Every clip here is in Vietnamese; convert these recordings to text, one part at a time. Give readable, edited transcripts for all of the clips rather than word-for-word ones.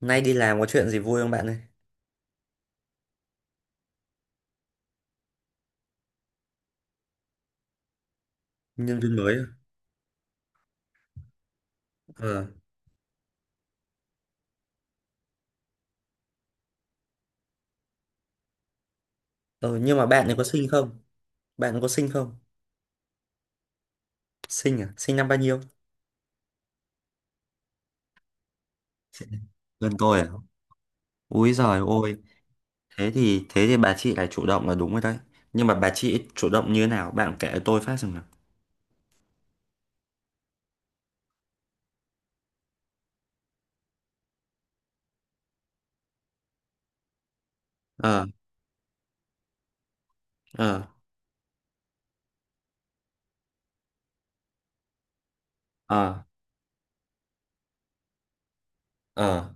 Nay đi làm có chuyện gì vui không bạn ơi? Nhân viên mới à? Ờ. Ờ, nhưng mà bạn ấy có sinh không? Bạn có sinh không? Sinh à? Sinh năm bao nhiêu? Gần tôi à? Úi giời ôi, thế thì bà chị lại chủ động là đúng rồi đấy. Nhưng mà bà chị chủ động như thế nào? Bạn kể cho tôi phát xem nào. Ờ, ờ, ờ, ờ.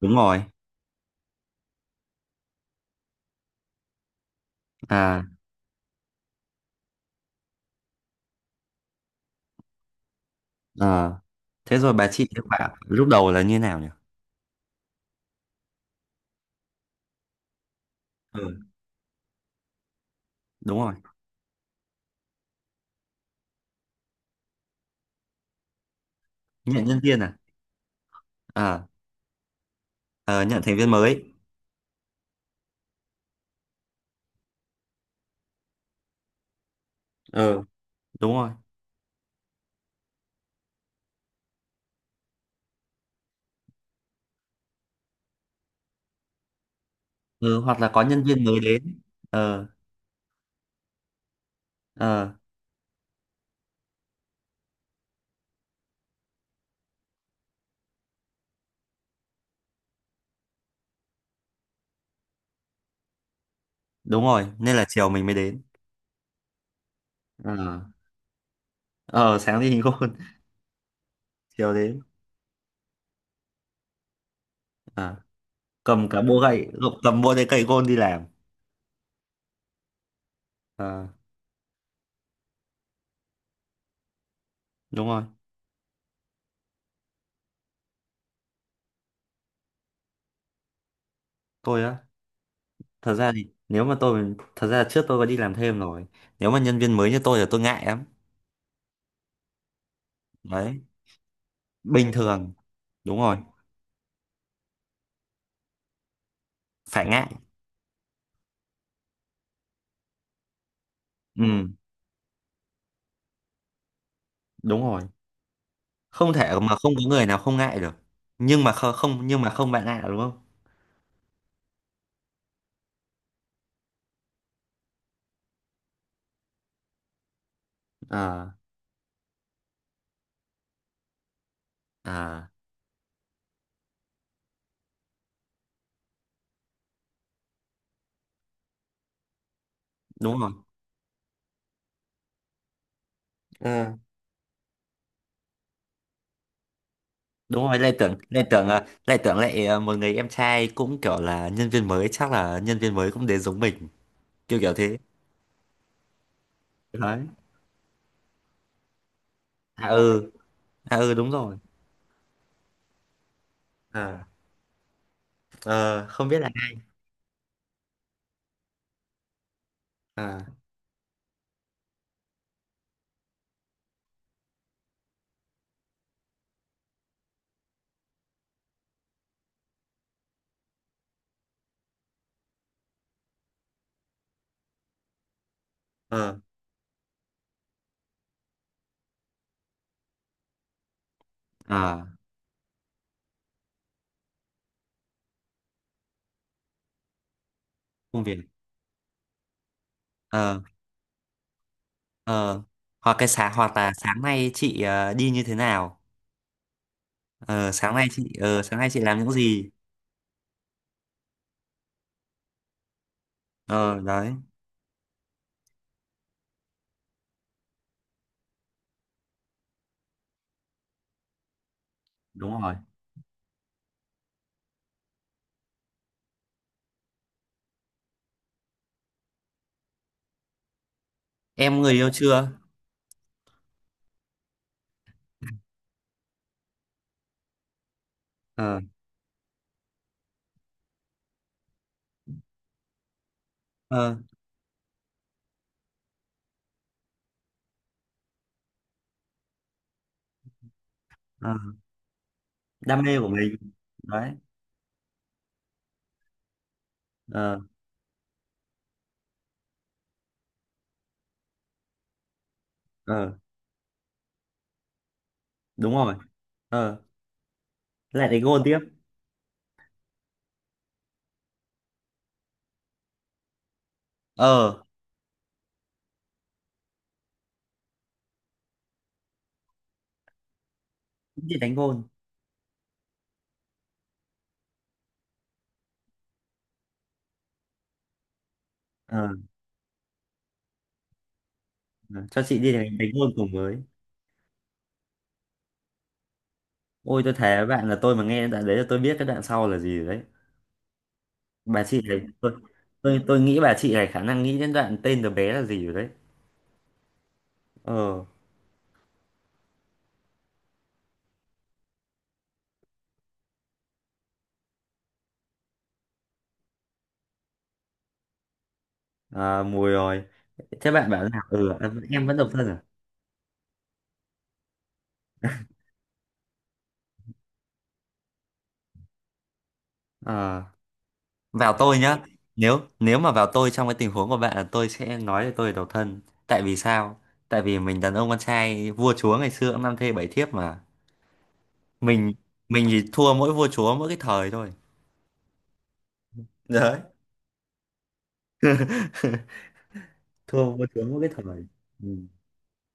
Đúng rồi. À, ờ. Thế rồi bà chị kết bạn lúc đầu là như thế nào nhỉ? Ừ, đúng rồi. Nhận nhân viên à? À, ờ, nhận thành viên mới. Ờ, đúng rồi. Ừ, hoặc là có nhân viên mới đến. Ờ, ờ, đúng rồi, nên là chiều mình mới đến. Ờ, ờ, sáng đi hình gôn. Chiều đến. Ờ, cầm cả búa gậy, cầm búa đấy, cây gôn đi làm. Ờ, đúng rồi. Tôi á, thật ra thì nếu mà tôi, thật ra trước tôi có đi làm thêm rồi. Nếu mà nhân viên mới như tôi là tôi ngại lắm. Đấy, bình thường, đúng rồi, phải ngại. Ừ, đúng rồi, không thể mà không có người nào không ngại được. Nhưng mà không, nhưng mà không bạn ạ, đúng không? À, à, đúng rồi. Ờ, đúng rồi. Lê Tưởng lại, một người em trai cũng kiểu là nhân viên mới, chắc là nhân viên mới cũng đến giống mình. Kiểu kiểu thế. Đấy. À, ừ. À, ừ, đúng rồi. À. ờ, Không biết là. À. Ờ, ờ, công việc. Ờ, ờ, hoặc cái sáng, hoặc là sáng nay chị đi như thế nào? Ờ, sáng nay chị làm những gì? Ờ, đấy. Đúng rồi. Em người yêu chưa? Ờ, ờ, ờ. Đam mê của mình. Đấy. Ờ, ờ, đúng rồi. Ờ, lại đánh gôn tiếp. Ờ, đi đánh gôn. Ờ, ờ, cho chị đi đánh gôn cùng với. Ôi, tôi thề với bạn là tôi mà nghe đoạn đấy là tôi biết cái đoạn sau là gì rồi đấy. Bà chị này, tôi. Tôi nghĩ bà chị này khả năng nghĩ đến đoạn tên đứa bé là gì rồi đấy. Ờ. À, mùi rồi. Thế bạn bảo là ừ, em vẫn độc thân à? Ờ, vào tôi nhá. Nếu nếu mà vào tôi trong cái tình huống của bạn là tôi sẽ nói là tôi là độc thân. Tại vì sao? Tại vì mình đàn ông con trai, vua chúa ngày xưa cũng năm thê bảy thiếp mà. Mình mình thì thua mỗi vua chúa mỗi cái thời thôi. Đấy. Thua vua chúa mỗi cái thời. Ừ.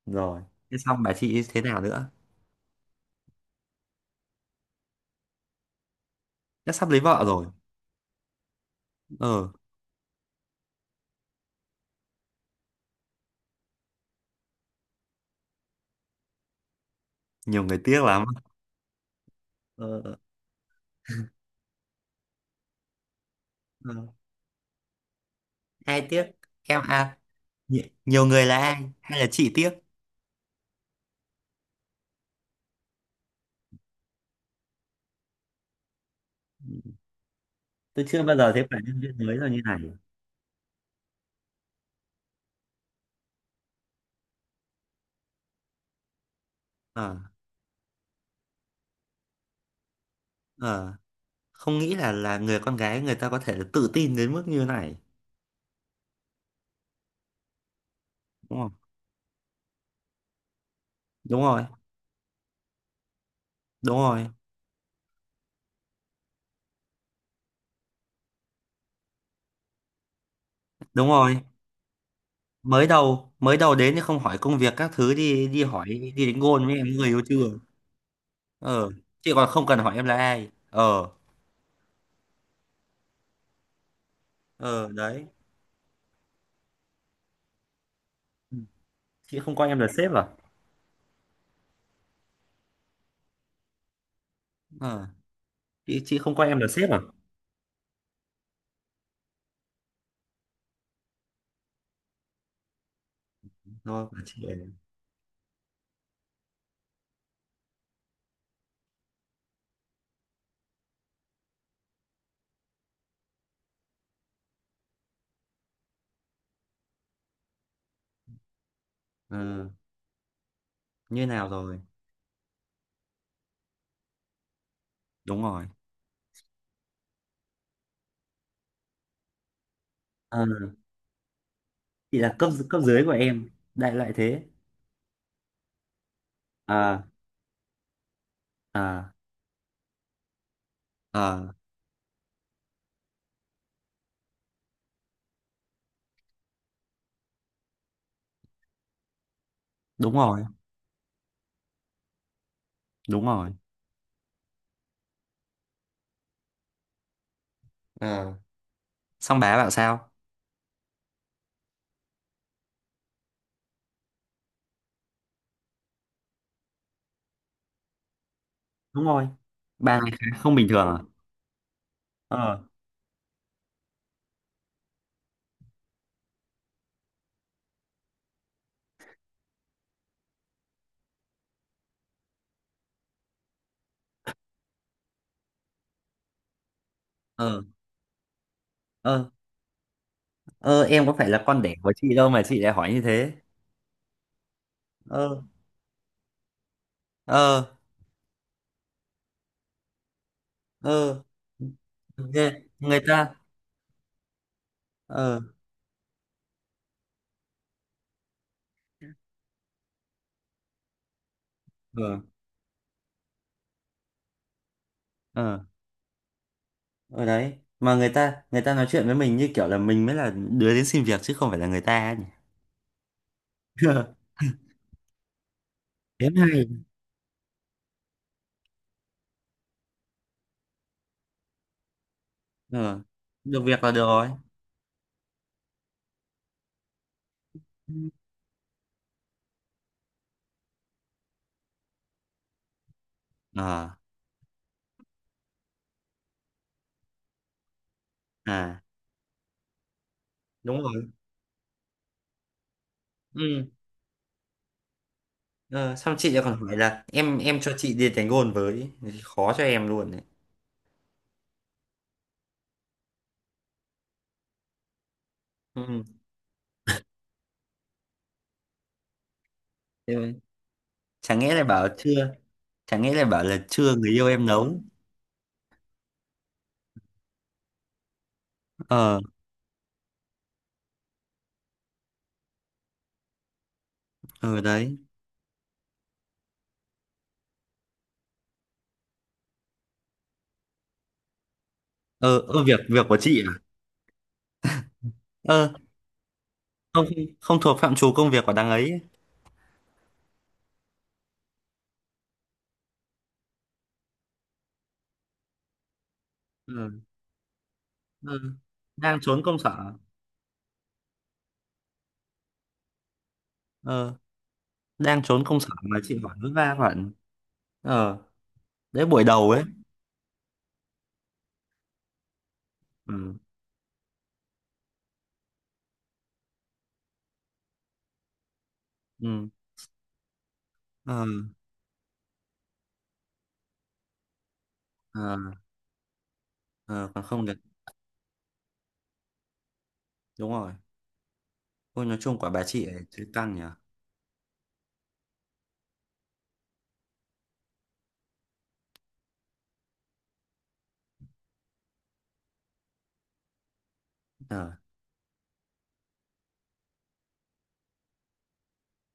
Rồi. Thế xong bà chị thế nào nữa? Chắc sắp lấy vợ rồi. Ờ, nhiều người tiếc lắm. Ờ, ờ. Ai tiếc? Em à? Nhiều người là ai hay là chị tiếc? Tôi chưa bao giờ thấy phải nhân viên mới là như này. Ờ, ờ, không nghĩ là người con gái người ta có thể tự tin đến mức như này. Đúng không? Đúng rồi. Đúng rồi. Đúng rồi. Mới đầu mới đầu đến thì không hỏi công việc các thứ, đi đi hỏi đi đánh gôn với em người yêu chưa. Ờ, chị còn không cần hỏi em là ai. Ờ, ờ, đấy. Ừ. Chị không coi em là sếp à? Ờ, chị không coi em là sếp à? Rồi bảo chị ờ ờ, Như nào rồi? Đúng rồi. Ờ, chị là cấp cấp dưới của em, đại loại thế. À, à, à, đúng rồi. Đúng rồi. Ờ, xong bà bảo sao? Đúng rồi. Ba ngày khá không bình thường à? Ờ, ờ, ờ. Ờ, em có phải là con đẻ của chị đâu mà chị lại hỏi như thế. Ờ, ờ, ờ. Ghê. Người ta. Ờ, ờ, ờ. Ở đấy, mà người ta nói chuyện với mình như kiểu là mình mới là đứa đến xin việc chứ không phải là người ta ấy nhỉ. Thế mới hay. Ờ, được việc là được rồi. Ừ. Ờ, à, đúng rồi. Ừ. Ờ, xong chị lại còn hỏi là em cho chị đi đánh gôn với. Khó cho em luôn đấy. Ừ. thế mà- Chẳng nghĩa lại bảo chưa, chẳng nghĩa lại bảo là chưa, người yêu em nấu. Ờ, ờ, đấy. Ờ, ờ, việc việc của chị à? Ờ, không. Không thuộc phạm trù công việc của đằng ấy. Ờ, ờ, đang trốn công sở. Ờ, đang trốn công sở mà chị hỏi, vất vả bạn. Ờ, đấy, buổi đầu ấy. Ừ. Ừ. Ờ, ờ, ờ, còn không được. Đúng rồi. Ôi, nói chung quả bà chị ấy thấy căng nhỉ. Ờ.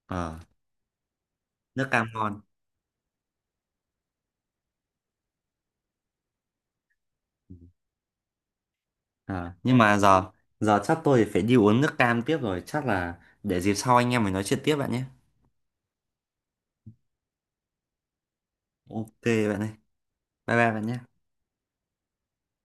Ờ, nước cam ngon. Ờ, nhưng mà giờ, giờ chắc tôi phải đi uống nước cam tiếp rồi, chắc là để dịp sau anh em mình nói chuyện tiếp bạn nhé. OK. Bạn ơi, bye bye bạn nhé.